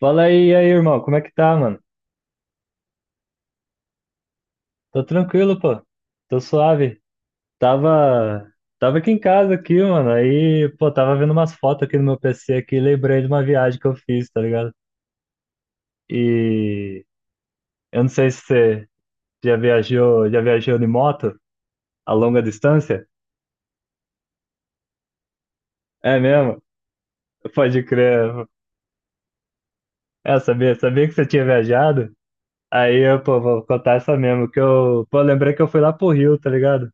Fala aí, e aí, irmão, como é que tá, mano? Tô tranquilo, pô. Tô suave. Tava, Tava aqui em casa aqui, mano. Aí, pô, tava vendo umas fotos aqui no meu PC aqui, e lembrei de uma viagem que eu fiz, tá ligado? E eu não sei se você já viajou de moto a longa distância? É mesmo? Pode crer. É, sabia que você tinha viajado. Aí eu, pô, vou contar essa mesmo, que eu, pô, lembrei que eu fui lá pro Rio, tá ligado?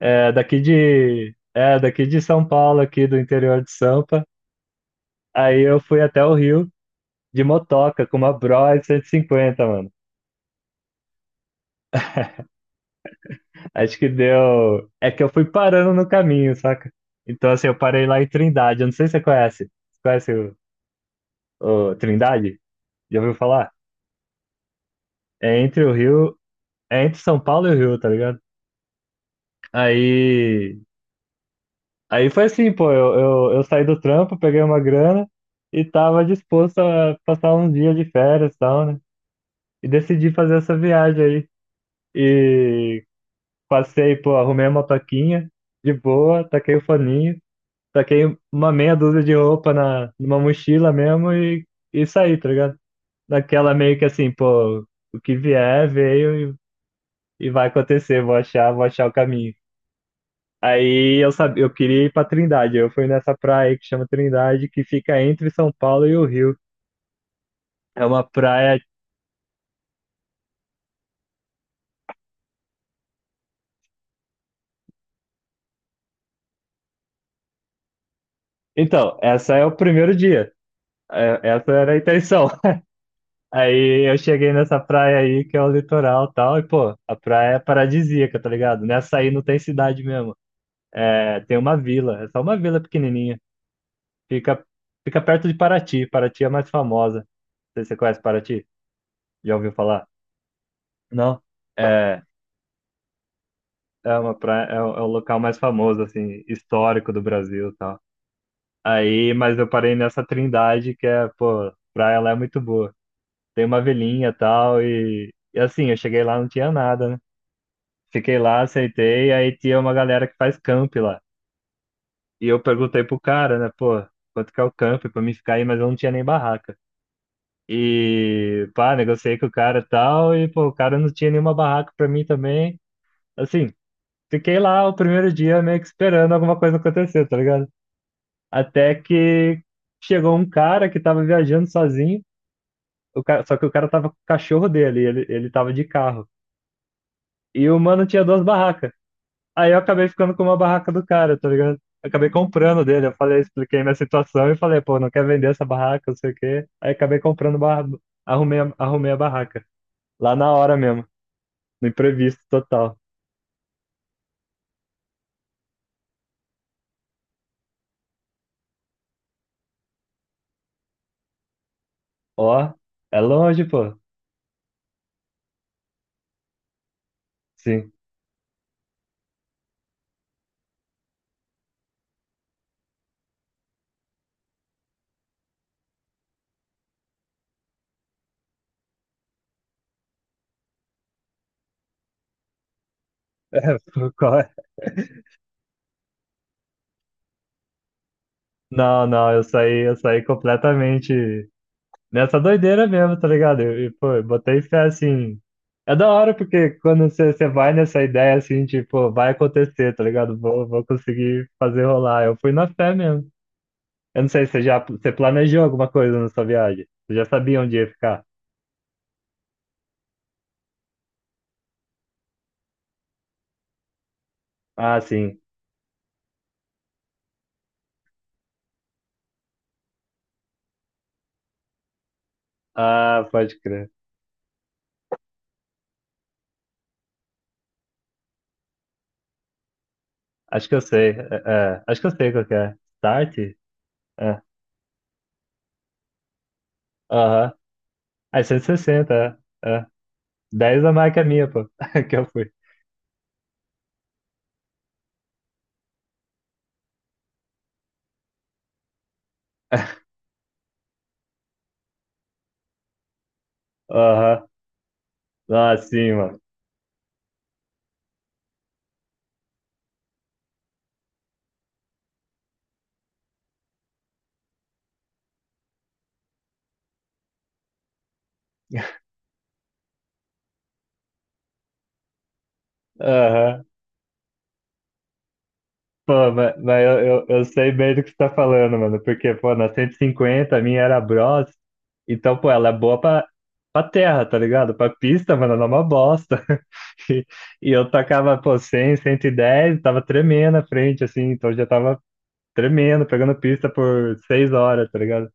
É, daqui de São Paulo, aqui do interior de Sampa. Aí eu fui até o Rio de motoca com uma Bros 150 mano. Acho que deu. É que eu fui parando no caminho, saca? Então, assim, eu parei lá em Trindade. Eu não sei se você conhece. Você conhece o Trindade? Já ouviu falar? É entre o Rio. É entre São Paulo e o Rio, tá ligado? Aí. Aí foi assim, pô. Eu saí do trampo, peguei uma grana e tava disposto a passar uns dias de férias e tal, né? E decidi fazer essa viagem aí. E passei, pô, arrumei a motoquinha de boa, taquei o foninho, taquei uma meia dúzia de roupa numa mochila mesmo e saí, tá ligado? Naquela meio que assim, pô, o que vier, veio e vai acontecer, vou achar o caminho. Aí eu sabia, eu queria ir pra Trindade, eu fui nessa praia aí que chama Trindade, que fica entre São Paulo e o Rio. É uma praia. Então, essa é o primeiro dia. Essa era a intenção. Aí eu cheguei nessa praia aí, que é o litoral e tal, e pô, a praia é paradisíaca, tá ligado? Nessa aí não tem cidade mesmo. É, tem uma vila, é só uma vila pequenininha. Fica, Fica perto de Paraty. Paraty é a mais famosa. Não sei se você conhece Paraty? Já ouviu falar? Não? É, é uma praia, o é o local mais famoso, assim, histórico do Brasil e tal. Aí, mas eu parei nessa Trindade, que é, pô, praia lá é muito boa. Tem uma vilinha e tal, e assim, eu cheguei lá, não tinha nada, né? Fiquei lá, aceitei, aí tinha uma galera que faz camp lá. E eu perguntei pro cara, né, pô, quanto que é o camp pra mim ficar aí, mas eu não tinha nem barraca. E, pá, negociei com o cara e tal, e, pô, o cara não tinha nenhuma barraca pra mim também. Assim, fiquei lá o primeiro dia meio que esperando alguma coisa acontecer, tá ligado? Até que chegou um cara que tava viajando sozinho, o cara, só que o cara tava com o cachorro dele, ele tava de carro. E o mano tinha duas barracas. Aí eu acabei ficando com uma barraca do cara, tá ligado? Acabei comprando dele. Eu falei, expliquei minha situação e falei, pô, não quer vender essa barraca, não sei o quê. Aí acabei comprando, arrumei, arrumei a barraca. Lá na hora mesmo, no imprevisto total. Ó, é longe, pô. Sim. É, pô, qual é? Não, não, eu saí completamente. Nessa doideira mesmo, tá ligado? Pô, eu botei fé assim. É da hora, porque quando você vai nessa ideia assim, tipo, vai acontecer, tá ligado? Vou conseguir fazer rolar. Eu fui na fé mesmo. Eu não sei, você planejou alguma coisa na sua viagem? Você já sabia onde ia ficar? Ah, sim. Ah, pode crer. Acho que eu sei. Acho que eu sei qual que é. Start? É. Aham. Aí 160, é. Dez a mais que a minha, pô, que eu fui. Aham. Ah, sim, mano. Aham. Pô, eu sei bem do que você tá falando, mano, porque, pô, na 150 a minha era Bros, então, pô, ela é boa pra terra, tá ligado? Pra pista, mano, ela é uma bosta. E, e eu tacava, pô, cem, cento e dez, tava tremendo à frente, assim, então já tava tremendo, pegando pista por 6 horas, tá ligado?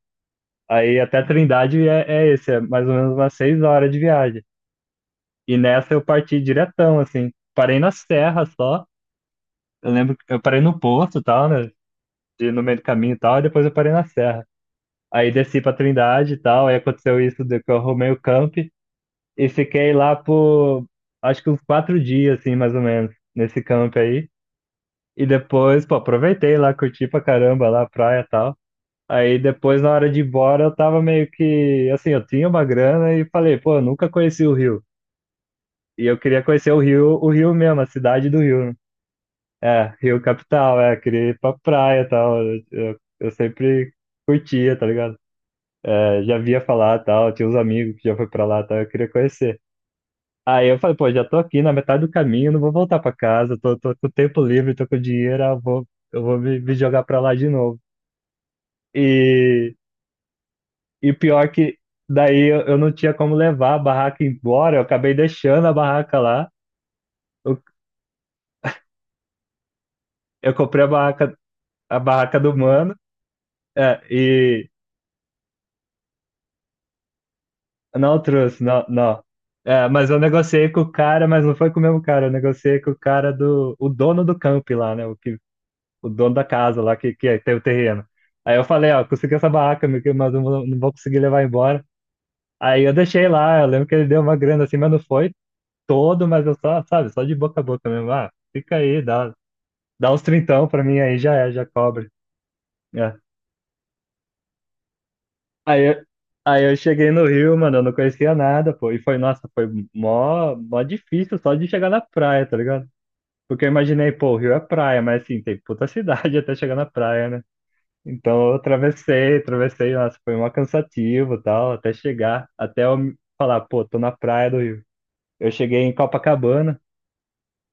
Aí até Trindade é esse, é mais ou menos umas 6 horas de viagem. E nessa eu parti diretão, assim, parei na serra só, eu lembro, que eu parei no posto e tal, né? No meio do caminho e tal, e depois eu parei na Serra. Aí desci pra Trindade e tal, aí aconteceu isso de que eu arrumei o camp e fiquei lá por acho que uns quatro dias, assim, mais ou menos, nesse camp aí. E depois, pô, aproveitei lá, curti pra caramba lá a praia e tal. Aí depois, na hora de ir embora, eu tava meio que, assim, eu tinha uma grana e falei, pô, eu nunca conheci o Rio. E eu queria conhecer o Rio mesmo, a cidade do Rio, né? É, Rio Capital, é, queria ir pra praia e tal. Eu sempre curtia, tá ligado? Eu já via falar tal, tinha uns amigos que já foi pra lá tal, eu queria conhecer. Aí eu falei, pô, já tô aqui na metade do caminho, não vou voltar pra casa, tô com tempo livre, tô com dinheiro, eu vou me jogar pra lá de novo. E, e pior que eu não tinha como levar a barraca embora, eu acabei deixando a barraca lá. Eu, eu comprei a barraca do mano, e não trouxe, não. É, mas eu negociei com o cara, mas não foi com o mesmo cara, eu negociei com o cara do, o dono do camp lá, né, o que o dono da casa lá que é, tem o terreno. Aí eu falei, ó, consegui essa barraca, meu querido, mas eu não vou conseguir levar embora. Aí eu deixei lá, eu lembro que ele deu uma grana assim, mas não foi todo, mas eu só, sabe, só de boca a boca mesmo. Ah, fica aí, dá uns trintão pra mim aí, já é, já cobre. É. Aí, eu- aí eu cheguei no Rio, mano, eu não conhecia nada, pô, e foi, nossa, foi mó difícil só de chegar na praia, tá ligado? Porque eu imaginei, pô, o Rio é praia, mas assim, tem puta cidade até chegar na praia, né? Então eu atravessei, nossa, foi uma cansativo e tal, até chegar, até eu falar, pô, tô na praia do Rio. Eu cheguei em Copacabana,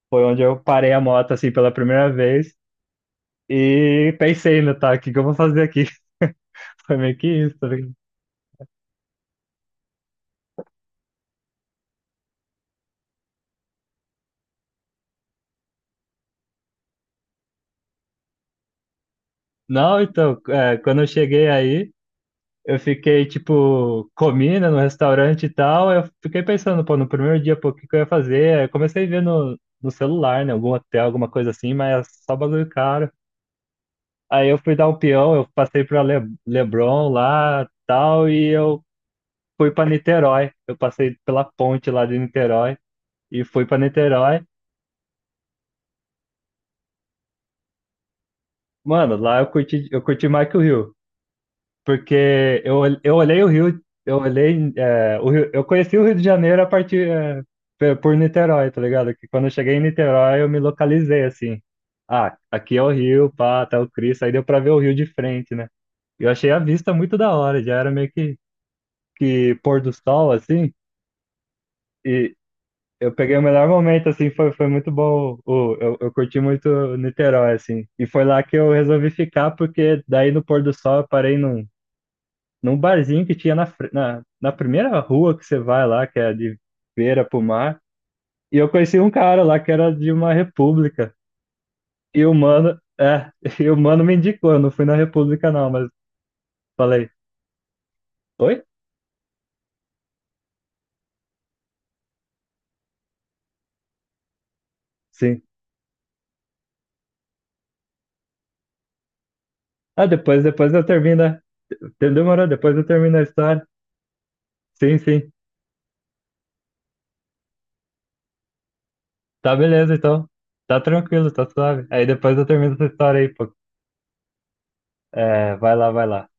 foi onde eu parei a moto assim pela primeira vez e pensei, né, tá, o que que eu vou fazer aqui? Foi meio que isso, tá ligado? Não, então, é, quando eu cheguei aí, eu fiquei, tipo, comi, né, no restaurante e tal, eu fiquei pensando, pô, no primeiro dia, pô, o que que eu ia fazer? Aí eu comecei a ver no celular, né, algum hotel, alguma coisa assim, mas é só bagulho caro. Aí eu fui dar um peão, eu passei para Le Leblon lá, tal, e eu fui para Niterói. Eu passei pela ponte lá de Niterói e fui para Niterói. Mano, lá eu curti mais que o Rio, porque eu, eu olhei o Rio, eu olhei, é, o Rio, eu conheci o Rio de Janeiro a partir, é, por Niterói, tá ligado? Que quando eu cheguei em Niterói, eu me localizei assim. Ah, aqui é o Rio, pá, tá o Cristo, aí deu para ver o Rio de frente, né? Eu achei a vista muito da hora, já era meio que pôr do sol, assim, e eu peguei o melhor momento, assim, foi, foi muito bom. O, eu curti muito Niterói, assim. E foi lá que eu resolvi ficar, porque daí no pôr do sol eu parei num, num barzinho que tinha na, na primeira rua que você vai lá, que é de beira pro mar. E eu conheci um cara lá que era de uma república. E o mano, é, e o mano me indicou, eu não fui na república não, mas falei, oi? Sim. Ah, depois eu termino, demorou, depois eu termino a história. Sim, sim. Tá beleza, então. Tá tranquilo, tá suave. Aí depois eu termino essa história aí, pô. É, vai lá, vai lá.